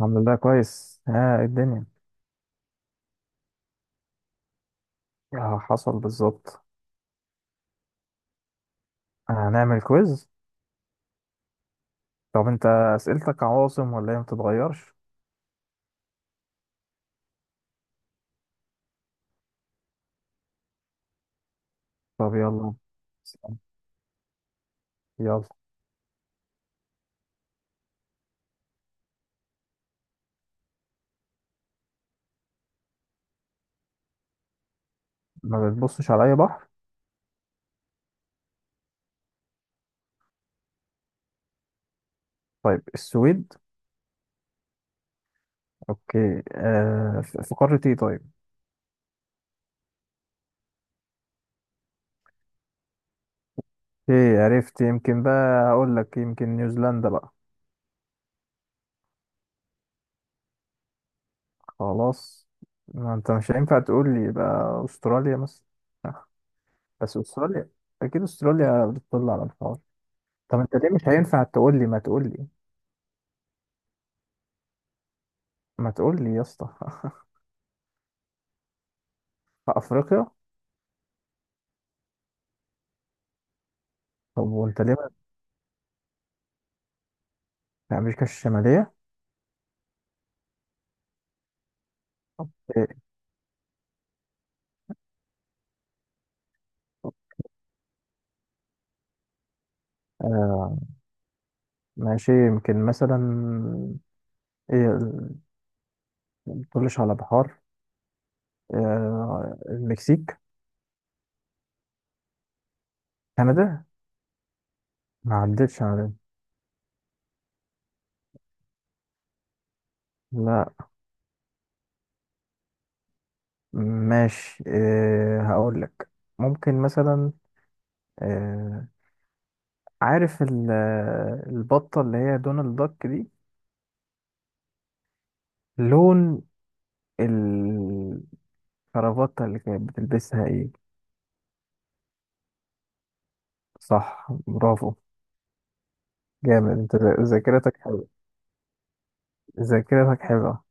الحمد لله كويس. ها إيه الدنيا؟ آه حصل بالظبط. هنعمل كويز. طب انت اسئلتك عواصم ولا هي ما بتتغيرش؟ طب يلا اسأل. يلا ما بتبصش على اي بحر. طيب السويد. اوكي، في قارة ايه طيب؟ ايه عرفت، يمكن بقى هقول لك يمكن نيوزيلندا بقى. خلاص، ما انت مش هينفع تقول لي بقى استراليا مثلا. آه، بس استراليا، اكيد استراليا بتطل على الحوار. طب انت ليه مش هينفع تقول لي؟ ما تقول لي، ما تقول لي يا اسطى في افريقيا؟ طب وانت ليه في امريكا الشماليه؟ طب إيه؟ آه ماشي، يمكن مثلا ايه ما تقولش على بحار. آه المكسيك. كندا ما عدتش على، لا. ماشي، إيه هقول لك، ممكن مثلا، آه، عارف البطه اللي هي دونالد داك دي، لون الكرافته اللي كانت بتلبسها ايه؟ صح، برافو، جامد انت، ذاكرتك حلوة، ذاكرتك حلوة.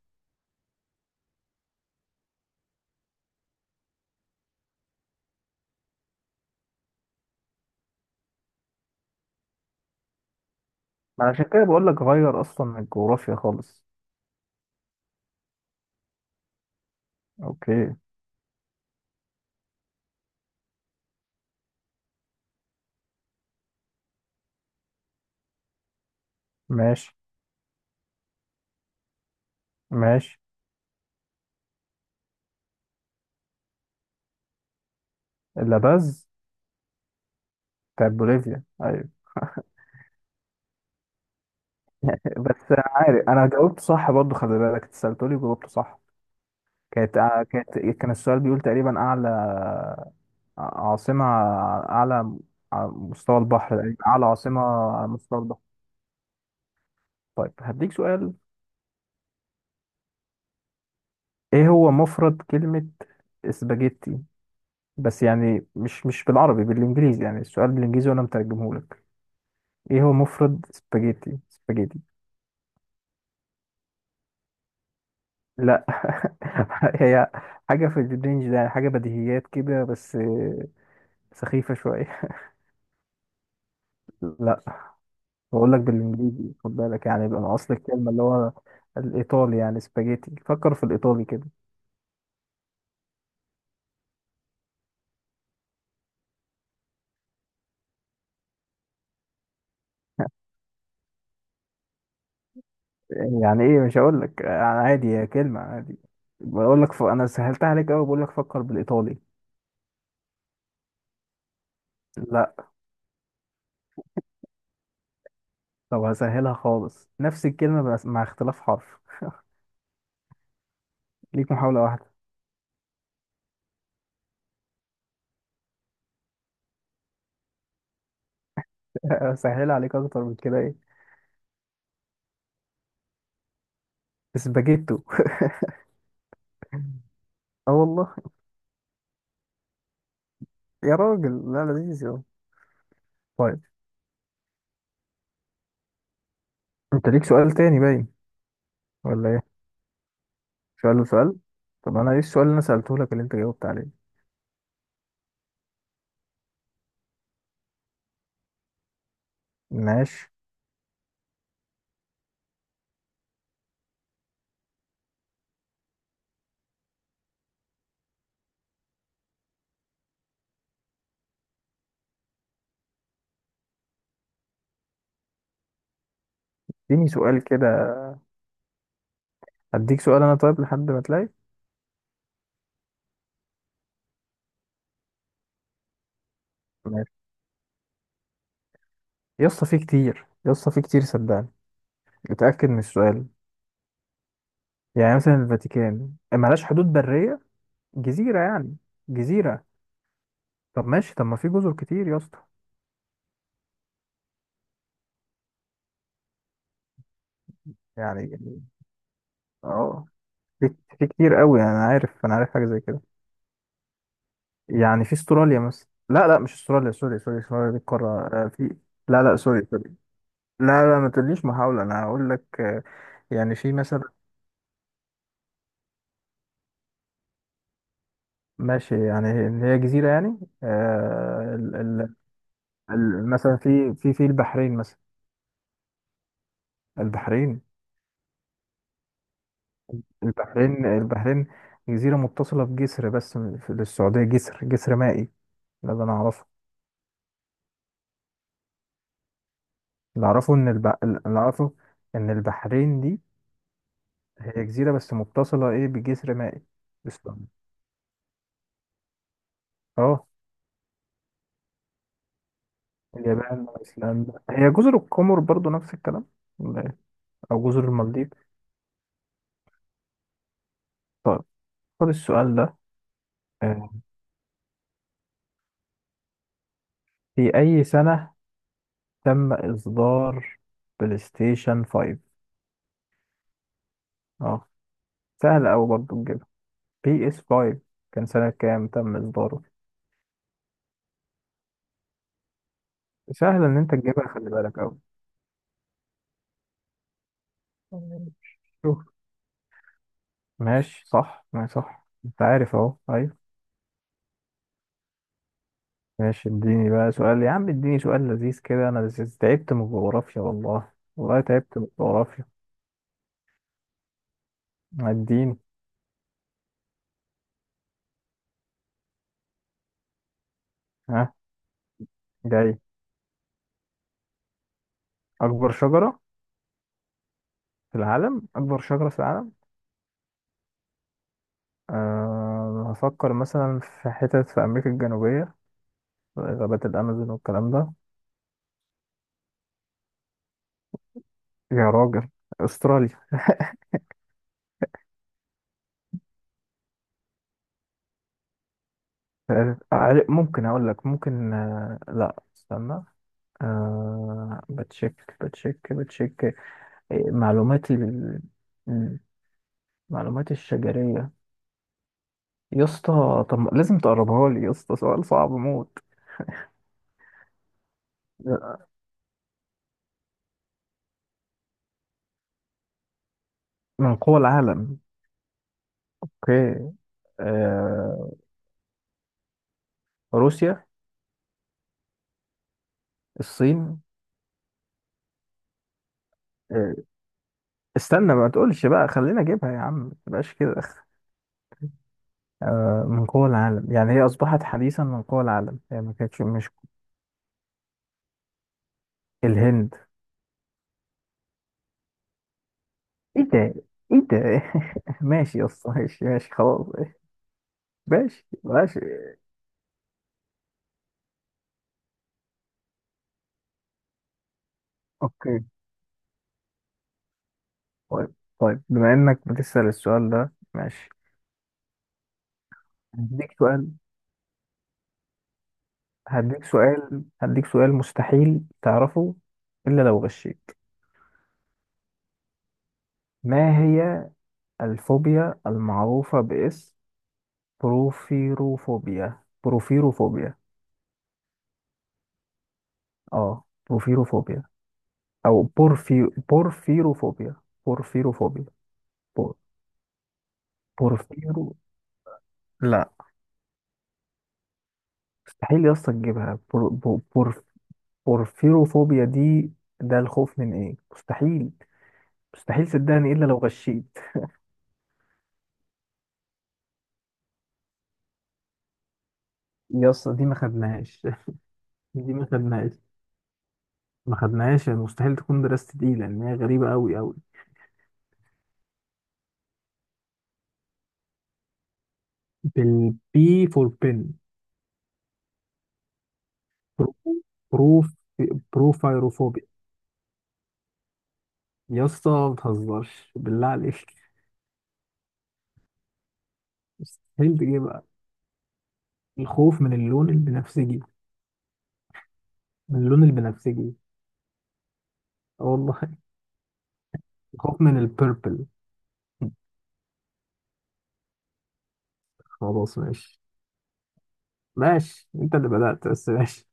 ما عشان كده بقول لك غير، اصلا من الجغرافيا خالص. اوكي. ماشي ماشي. لاباز، بتاعت بوليفيا ايوه بس انا عارف انا جاوبت صح برضو، خلي بالك، انت سألتولي وجاوبت صح. كانت كانت، كان السؤال بيقول تقريبا اعلى عاصمة، اعلى على مستوى البحر تقريبا، اعلى عاصمة على مستوى البحر. طيب هديك سؤال، ايه هو مفرد كلمة اسباجيتي؟ بس يعني مش بالعربي، بالانجليزي، يعني السؤال بالانجليزي وانا مترجمه لك. ايه هو مفرد سباجيتي؟ سباجيتي؟ لا هي حاجه في الرينج ده، يعني حاجه بديهيات كده بس سخيفه شويه. لا، بقول لك بالانجليزي، خد بالك يعني بقى اصل الكلمه اللي هو الايطالي يعني، سباجيتي، فكر في الايطالي كده. يعني ايه؟ مش هقول لك يعني، عادي، هي كلمه عادي. بقول لك انا سهلتها عليك قوي، بقول لك فكر بالايطالي. لا. طب هسهلها خالص، نفس الكلمه بس مع اختلاف حرف، ليك محاولة واحدة. سهل عليك أكتر من كده إيه؟ اسباجيتو اه والله. يا راجل لا، لذيذ يا طيب. أنت ليك سؤال تاني باين ولا إيه؟ سؤال وسؤال. طب أنا إيه السؤال اللي أنا سألته لك اللي أنت جاوبت عليه؟ ماشي. اديني سؤال كده، هديك سؤال أنا طيب لحد ما تلاقي. ماشي يا اسطى، في كتير يا اسطى، في كتير صدقني، اتأكد من السؤال. يعني مثلا الفاتيكان ملهاش حدود برية، جزيرة يعني، جزيرة. طب ماشي، طب ما في جزر كتير يا اسطى، يعني اه في كتير قوي، يعني انا عارف، انا عارف حاجه زي كده. يعني في استراليا مثلا، لا مش استراليا، سوري سوري، استراليا دي القاره، في. لا سوري سوري. لا ما تقوليش محاوله، انا هقول لك، يعني في مثلا، ماشي، يعني اللي هي جزيره يعني، مثلا في البحرين مثلا، البحرين، البحرين. البحرين جزيره متصله بجسر، بس في للسعوديه جسر، جسر مائي، ده اللي انا اعرفه. اللي اعرفه اللي اعرفه ان البحرين دي هي جزيرة بس متصلة إيه بجسر مائي. اسطنبول. أه، اليابان وأيسلندا هي جزر القمر برضو نفس الكلام ولا إيه؟ أو جزر المالديف. طيب خد السؤال ده، آه، في أي سنة تم إصدار بلاي ستيشن 5؟ أه سهل أوي برضو تجيبها، بي إس 5 كان سنة كام تم إصداره؟ سهل إن أنت تجيبها، خلي بالك أوي. شوف. ماشي صح، ماشي صح، أنت عارف أهو، أيوة. ماشي، اديني بقى سؤال يا عم، اديني سؤال لذيذ كده، انا لذيذ. تعبت من الجغرافيا والله، والله تعبت من الجغرافيا. اديني. ها جاي. اكبر شجرة في العالم. اكبر شجرة في العالم. أه هفكر مثلا في حتت في امريكا الجنوبية، غابات الامازون والكلام ده. يا راجل. استراليا. ممكن اقول لك ممكن، لا استنى. أه بتشيك بتشيك بتشيك. إيه، معلوماتي معلوماتي الشجرية. يا اسطى طب لازم تقربها لي يا اسطى، سؤال صعب موت. من قوى العالم. اوكي. آه... روسيا. الصين. آه... استنى ما تقولش بقى، خلينا اجيبها يا عم، ما تبقاش كده. من قوى العالم يعني، هي اصبحت حديثا من قوى العالم، هي ما كانتش مش. الهند. ايه ده، ايه ده ماشي يا اسطى، ماشي ماشي خلاص. ماشي ماشي. اوكي. طيب طيب، بما انك بتسأل السؤال ده ماشي. هديك سؤال، هديك سؤال، هديك سؤال مستحيل تعرفه إلا لو غشيت. ما هي الفوبيا المعروفة باسم بروفيروفوبيا؟ بروفيروفوبيا. اه بروفيروفوبيا، أو بورفي، بورفيروفوبيا، بورفيروفوبيا. بور... بورفيرو. لا، مستحيل يا اسطى تجيبها. بورفيروفوبيا دي ده الخوف من ايه؟ مستحيل، مستحيل صدقني إلا لو غشيت. يا اسطى دي ما خدناهاش دي ما خدناهاش، ما خدناهاش يعني، مستحيل تكون دراسة دي لأن هي غريبة أوي أوي. بالبي فور بن. برو بروف بروفايروفوبيا. يا اسطى ما تهزرش بالله عليك، مستحيل تجيبها. الخوف من اللون البنفسجي. من اللون البنفسجي. اه والله. الخوف من البيربل. خلاص ماشي. ماشي انت اللي بدأت بس ماشي.